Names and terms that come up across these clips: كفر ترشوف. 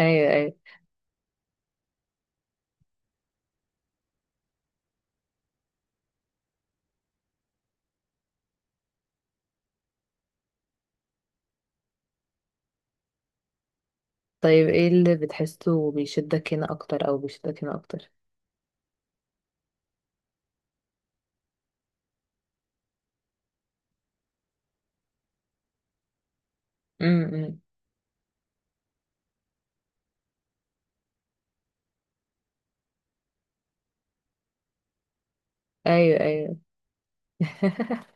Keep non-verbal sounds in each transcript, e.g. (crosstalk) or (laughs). ايوه، ايوه. طيب، ايه اللي بتحسه بيشدك هنا اكتر او بيشدك هنا اكتر؟ امم. ايوه، ايوه. (laughs)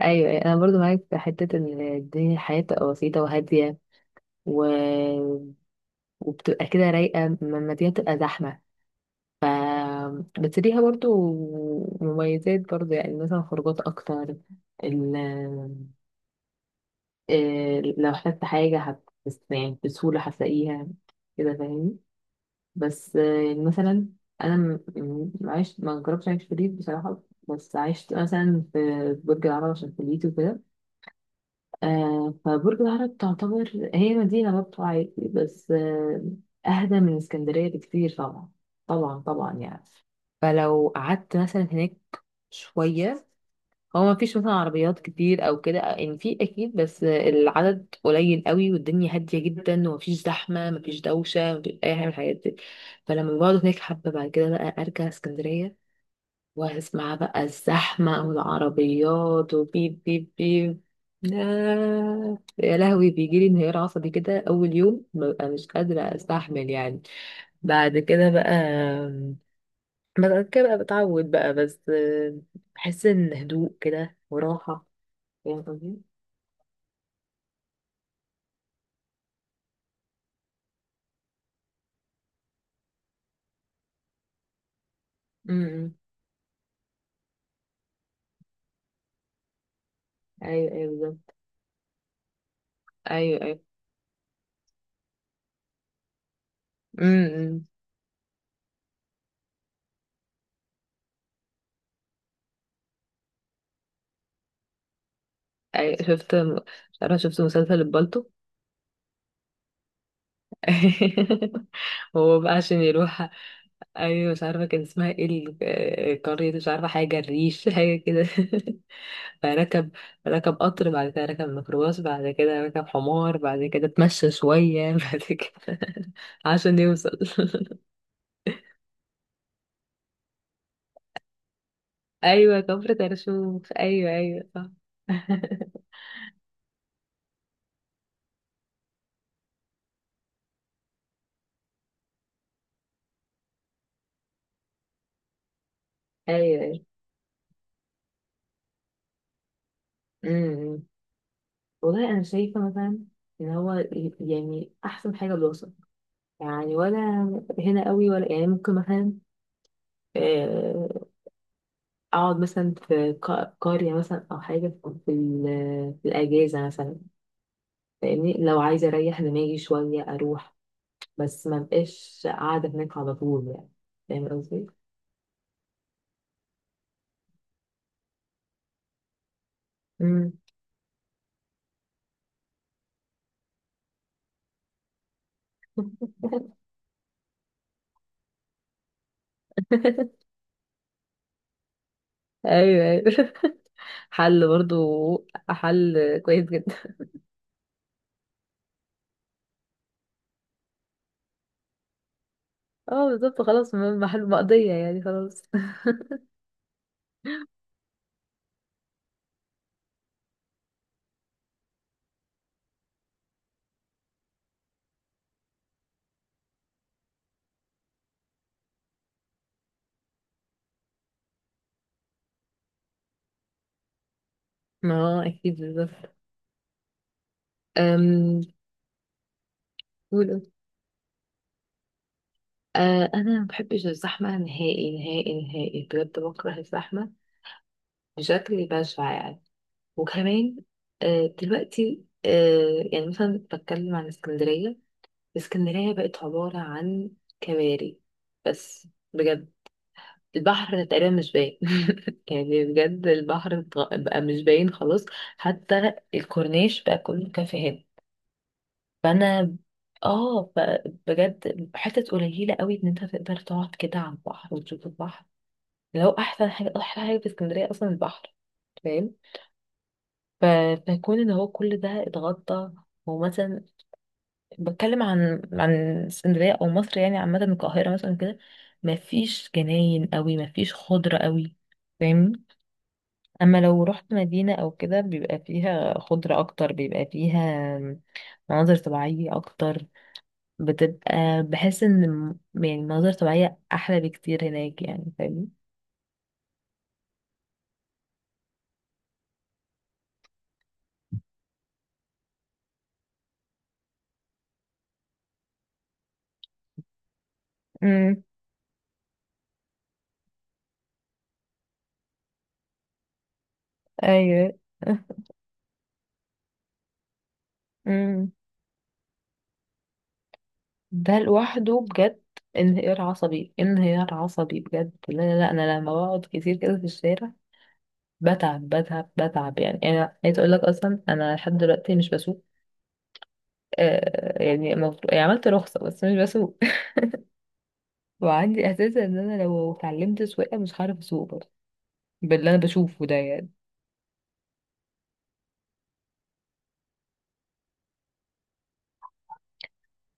ايوه، أيوة. انا برضو معاك في حته ان الحياه بتبقى بسيطه وهاديه و... وبتبقى كده رايقه لما الدنيا بتبقى زحمه. ف بس ليها برضو مميزات، برضو يعني مثلا خروجات اكتر. ال... آه، لو احتجت حاجه بس يعني بسهوله هتلاقيها، كده فاهمني. بس مثلا انا عشت، ما جربتش اعيش في الريف بصراحه، بس عشت مثلا في برج العرب عشان كليتي وكده. فبرج العرب تعتبر هي مدينه برضه عادي، بس اهدى من اسكندريه بكتير طبعا، طبعا طبعا يعني. فلو قعدت مثلا هناك شويه، هو ما فيش مثلا عربيات كتير او كده، يعني في اكيد بس العدد قليل قوي، والدنيا هاديه جدا ومفيش زحمه، مفيش دوشه، مفيش اي حاجه من الحاجات دي. فلما بقعد هناك حبه بعد كده بقى ارجع اسكندريه واسمع بقى الزحمه والعربيات وبيب بيب بيب. لا، يا لهوي، بيجي لي انهيار عصبي كده اول يوم، ببقى مش قادره استحمل يعني. بعد كده بقى بعد كده بقى بتعود بقى، بس بحس ان هدوء كده وراحه. فاهم قصدي؟ امم. ايوه، ايوه، بالظبط. ايوه، ايوه. امم، ايوه، شفت، مش عارفه، شفت مسلسل البالتو؟ (laughs) هو بقى عشان يروح. ايوه، مش عارفه كان اسمها ايه، قريه، مش عارفه حاجه الريش حاجه كده. (laughs) فركب، ركب قطر، بعد كده ركب ميكروباص، بعد كده ركب حمار، بعد كده اتمشى شويه (laughs) بعد كده عشان يوصل. (laughs) ايوه، كفر ترشوف، ايوه، ايوه، صح. (laughs) ايوه، ايوه. امم، امم. والله أنا شايفة مثلا إن هو يعني أحسن حاجة دراسة. يعني، ولا هنا قوي، ولا يعني ممكن مثلا، آه، أقعد مثلا في قرية مثلا أو حاجة، في الأجازة مثلا، فاهمني؟ لو عايزة أريح دماغي شوية أروح، بس ما بقاش قاعدة هناك على طول يعني. فاهم قصدي؟ مم. (laughs) ايوه، ايوه، حل برضو، حل كويس جدا. اه، بالظبط، خلاص، محل مقضية يعني، خلاص. ما هو اكيد، بالظبط. أم. قولوا. أنا ما بحبش الزحمة، نهائي نهائي نهائي، بجد، بكره الزحمة بشكل بشع يعني. وكمان دلوقتي، يعني مثلا بتكلم عن اسكندرية، اسكندرية بقت عبارة عن كباري، بس بجد. البحر تقريبا مش باين (laughs) يعني بجد البحر بقى مش باين خلاص. حتى الكورنيش بقى كله كافيهات. فانا اه فبجد حتت قليله قوي ان انت تقدر تقعد كده على البحر وتشوف البحر، لو احسن حاجه احلى حاجه في اسكندريه اصلا البحر، فاهم؟ ف- فيكون ان هو كل ده اتغطى. ومثلا بتكلم عن اسكندريه او مصر، يعني عامه القاهره مثلا كده، مفيش جناين قوي، مفيش خضره قوي، فاهمني؟ اما لو رحت مدينه او كده بيبقى فيها خضره اكتر، بيبقى فيها مناظر طبيعيه اكتر. بحس ان يعني المناظر الطبيعية احلى بكتير هناك يعني، فاهمني؟ امم. ايوه. امم. ده لوحده بجد انهيار عصبي، انهيار عصبي، بجد. لا لا لا، انا لما بقعد كتير كده في الشارع بتعب، بتعب، بتعب يعني. انا عايز اقول لك اصلا انا لحد دلوقتي مش بسوق. يعني المفروض، يعني عملت رخصة بس مش بسوق (laughs) وعندي احساس ان انا لو اتعلمت سواقة مش هعرف اسوق برضه، باللي انا بشوفه ده يعني.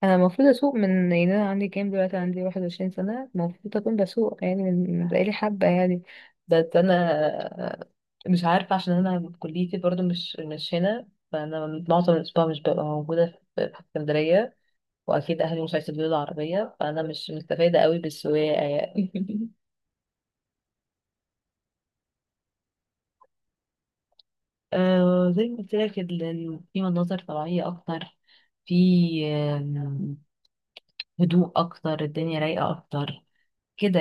انا المفروض اسوق من، يعني انا عندي كام دلوقتي، عندي 21 سنه، المفروض اكون بسوق يعني من بقالي حبه يعني. بس انا مش عارفه، عشان انا كليتي برضو مش هنا، فانا معظم الاسبوع مش ببقى موجوده في اسكندريه، واكيد اهلي مش هيسيبوا لي العربيه، فانا مش مستفاده قوي بالسواقه يعني. (laughs) زي ما قلت لك، في مناظر طبيعيه اكتر، في آم، هدوء اكتر، الدنيا رايقه اكتر كده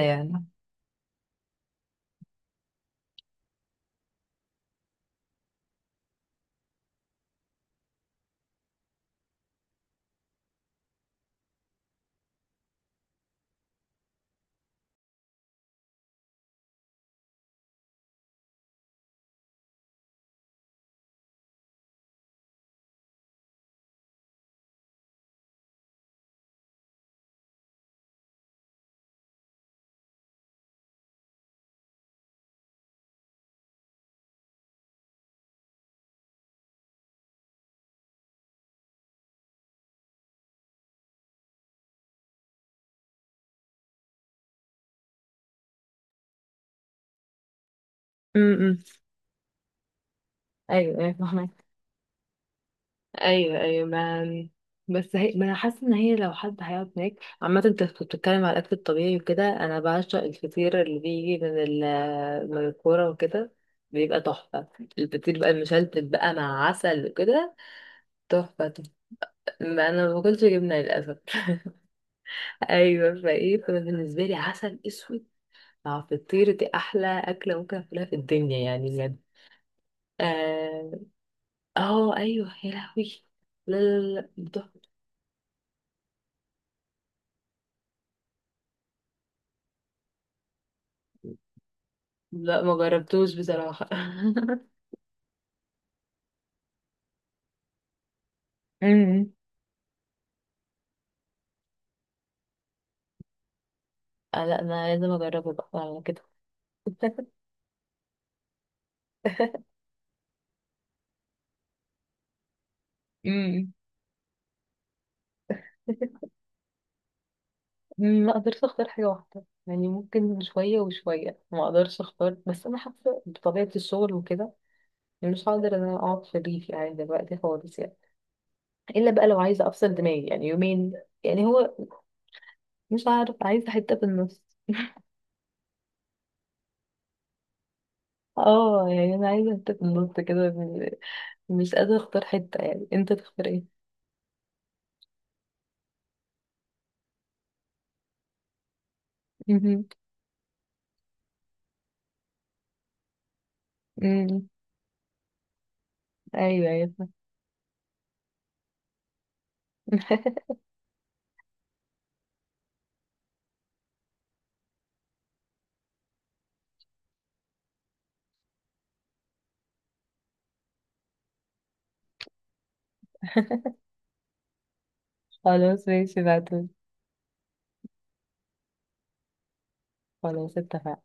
يعني. ايوه، ايوه، فاهمك. ايوه، ايوه، ما بس هي، ما انا حاسه ان هي لو حد هيقعد هناك. عامه انت كنت بتتكلم على الاكل الطبيعي وكده، انا بعشق الفطير اللي بيجي من من الكوره وكده، بيبقى تحفه. الفطير بقى المشلتت بقى مع عسل وكده، تحفه تحفه. ما انا ما باكلش جبنه للاسف (laughs) ايوه فايه، فأنا بالنسبه لي عسل اسود مع فطير دي احلى اكله ممكن اكلها في الدنيا يعني، بجد. اه. ايوه، يا لهوي. لا لا لا لا، تحفة. لا، ما جربتوش بصراحة. (laughs) امم. لا انا لازم اجربه بقى على كده. (laughs) امم. ما اقدرش اختار حاجة واحدة يعني، ممكن شوية وشوية، ما اقدرش اختار، بس انا حاسة بطبيعة الشغل وكده يعني مش هقدر ان انا اقعد في الريف يعني دلوقتي خالص يعني. الا بقى لو عايزة افصل دماغي يعني يومين. يعني هو، مش عارف، عايزة حتة في النص (laughs) اه يعني انا عايزة حتة في النص كده، مش قادرة اختار حتة يعني. انت تختار ايه؟ امم، أمم. ايوه، أيوة. (laughs) خلاص، ماشي، بعتولي. خلاص، اتفقنا.